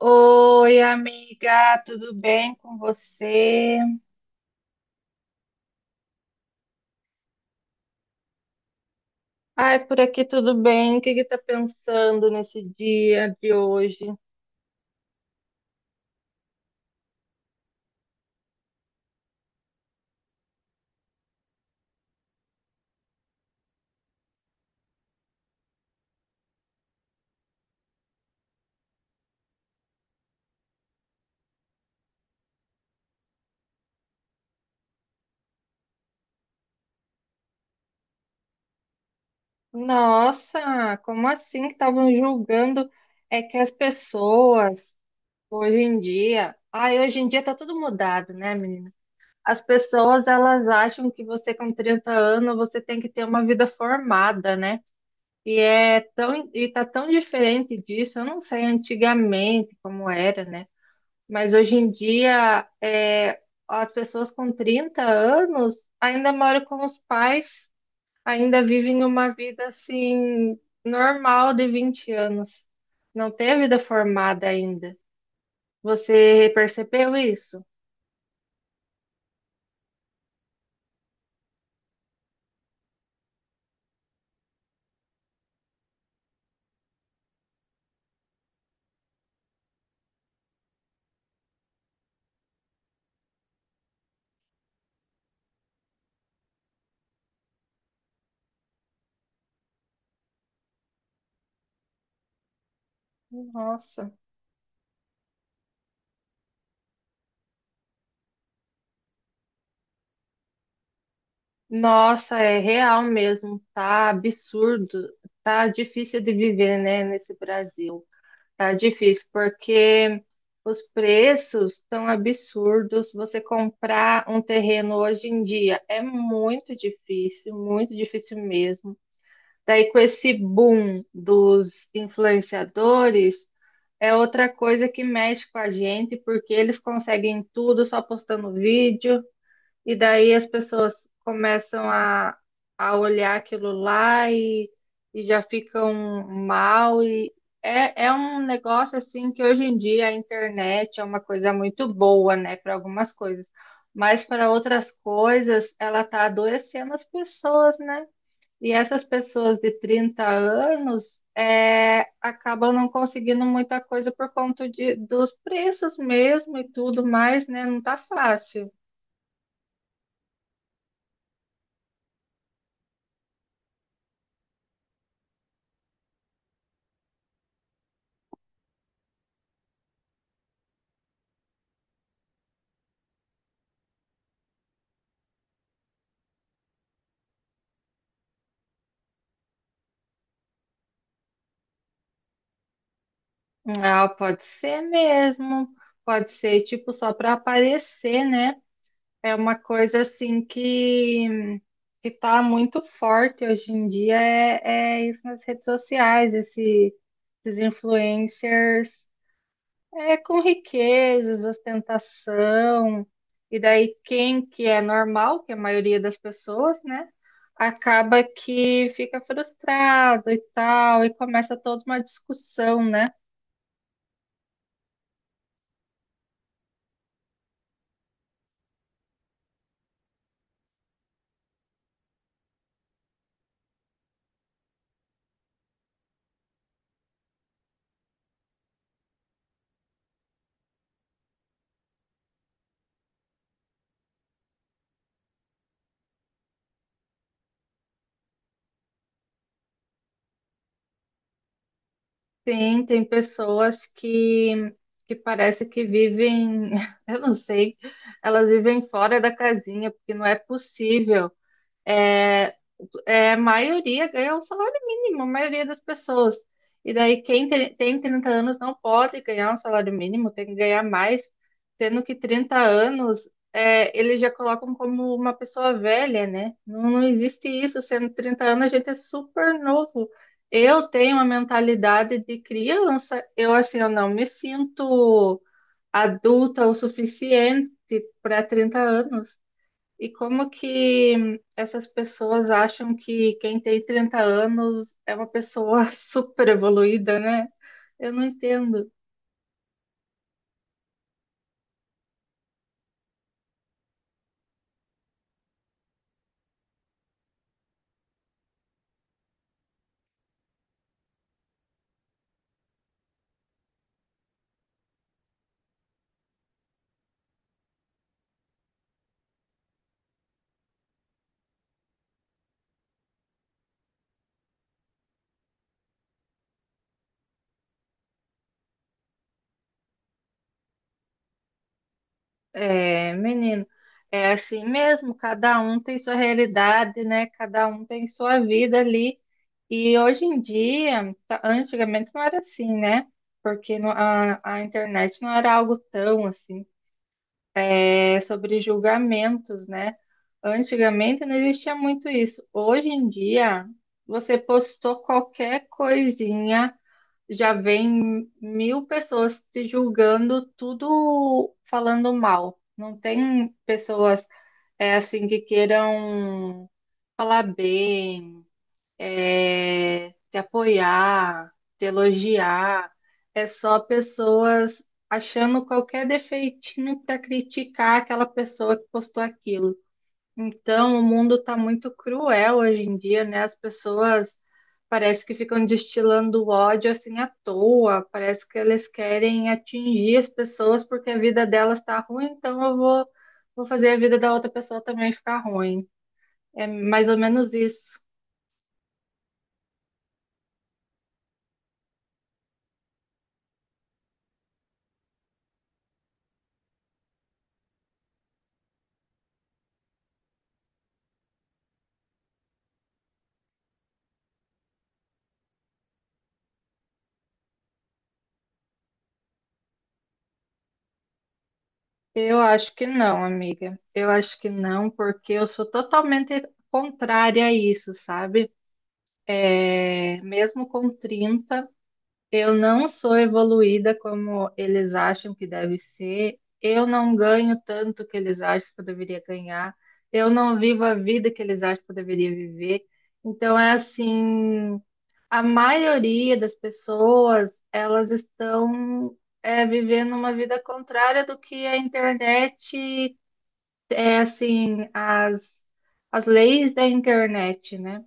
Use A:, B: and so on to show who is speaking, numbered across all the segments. A: Oi, amiga, tudo bem com você? Ai, por aqui tudo bem. O que que tá pensando nesse dia de hoje? Nossa, como assim que estavam julgando é que as pessoas hoje em dia, ai, hoje em dia tá tudo mudado, né, menina? As pessoas elas acham que você com 30 anos você tem que ter uma vida formada, né? E é tão e tá tão diferente disso. Eu não sei antigamente como era, né? Mas hoje em dia, as pessoas com 30 anos ainda moram com os pais, ainda vivem uma vida assim normal de 20 anos. Não tem a vida formada ainda. Você percebeu isso? Nossa, nossa, é real mesmo, tá absurdo, tá difícil de viver, né, nesse Brasil. Tá difícil, porque os preços estão absurdos. Você comprar um terreno hoje em dia é muito difícil mesmo. Daí, com esse boom dos influenciadores, é outra coisa que mexe com a gente, porque eles conseguem tudo só postando vídeo. E daí as pessoas começam a olhar aquilo lá e já ficam mal. E é um negócio assim que hoje em dia a internet é uma coisa muito boa, né, para algumas coisas, mas para outras coisas ela tá adoecendo as pessoas, né? E essas pessoas de 30 anos acabam não conseguindo muita coisa por conta dos preços mesmo e tudo mais, né? Não tá fácil. Ah, pode ser mesmo. Pode ser, tipo, só para aparecer, né? É uma coisa assim que tá muito forte hoje em dia, é isso nas redes sociais, esses influencers é com riquezas, ostentação, e daí quem que é normal, que é a maioria das pessoas, né? Acaba que fica frustrado e tal, e começa toda uma discussão, né? Sim, tem pessoas que parece que vivem, eu não sei, elas vivem fora da casinha, porque não é possível é, é, a maioria ganha um salário mínimo, a maioria das pessoas. E daí quem tem 30 anos não pode ganhar um salário mínimo, tem que ganhar mais, sendo que 30 anos eles já colocam como uma pessoa velha, né? Não, não existe isso, sendo 30 anos a gente é super novo. Eu tenho uma mentalidade de criança, eu assim, eu não me sinto adulta o suficiente para 30 anos. E como que essas pessoas acham que quem tem 30 anos é uma pessoa super evoluída, né? Eu não entendo. É, menino, é assim mesmo, cada um tem sua realidade, né? Cada um tem sua vida ali. E hoje em dia, antigamente não era assim, né? Porque a internet não era algo tão assim. Sobre julgamentos, né? Antigamente não existia muito isso. Hoje em dia, você postou qualquer coisinha, já vem mil pessoas te julgando, tudo falando mal. Não tem pessoas assim que queiram falar bem te apoiar, te elogiar. É só pessoas achando qualquer defeitinho para criticar aquela pessoa que postou aquilo. Então, o mundo está muito cruel hoje em dia, né? As pessoas parece que ficam destilando ódio assim à toa, parece que eles querem atingir as pessoas porque a vida delas está ruim, então eu vou fazer a vida da outra pessoa também ficar ruim. É mais ou menos isso. Eu acho que não, amiga. Eu acho que não, porque eu sou totalmente contrária a isso, sabe? É, mesmo com 30, eu não sou evoluída como eles acham que deve ser. Eu não ganho tanto que eles acham que eu deveria ganhar. Eu não vivo a vida que eles acham que eu deveria viver. Então é assim, a maioria das pessoas, elas estão vivendo uma vida contrária do que a internet é assim, as leis da internet, né?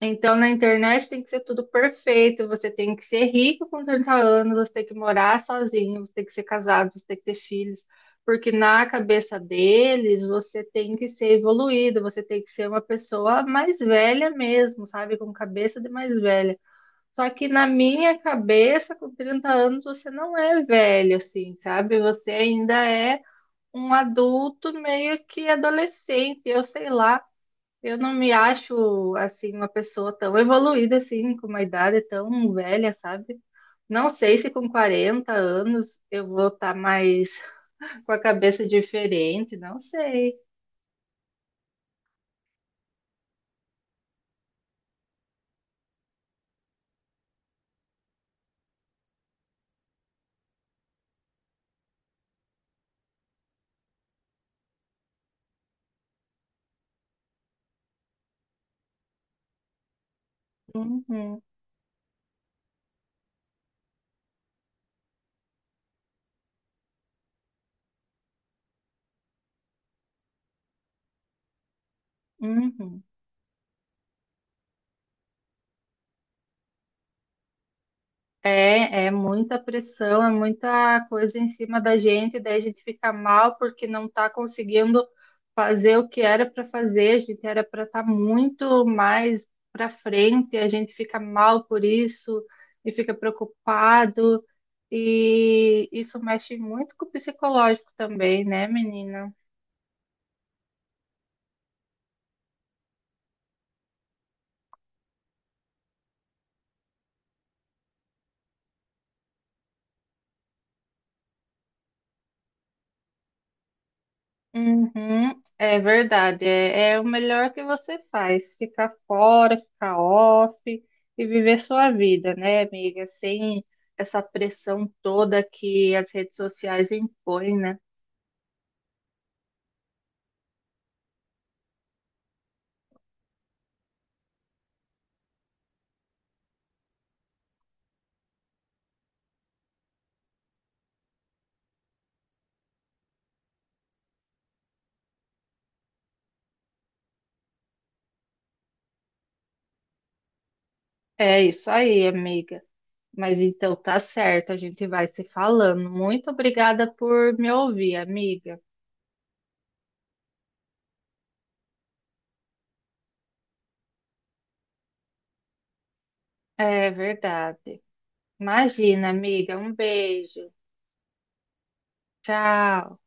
A: Então, na internet tem que ser tudo perfeito, você tem que ser rico com 30 anos, você tem que morar sozinho, você tem que ser casado, você tem que ter filhos, porque na cabeça deles você tem que ser evoluído, você tem que ser uma pessoa mais velha mesmo, sabe? Com cabeça de mais velha. Só que na minha cabeça, com 30 anos, você não é velho, assim, sabe? Você ainda é um adulto meio que adolescente, eu sei lá. Eu não me acho assim uma pessoa tão evoluída assim, com uma idade tão velha, sabe? Não sei se com 40 anos eu vou estar mais com a cabeça diferente, não sei. Uhum, uhum. É, é muita pressão, é muita coisa em cima da gente, daí a gente fica mal porque não está conseguindo fazer o que era para fazer, a gente era para estar muito mais para frente, a gente fica mal por isso e fica preocupado, e isso mexe muito com o psicológico também, né, menina? Uhum, é verdade, é o melhor que você faz, ficar fora, ficar off e viver sua vida, né, amiga? Sem essa pressão toda que as redes sociais impõem, né? É isso aí, amiga. Mas então tá certo, a gente vai se falando. Muito obrigada por me ouvir, amiga. É verdade. Imagina, amiga, um beijo. Tchau.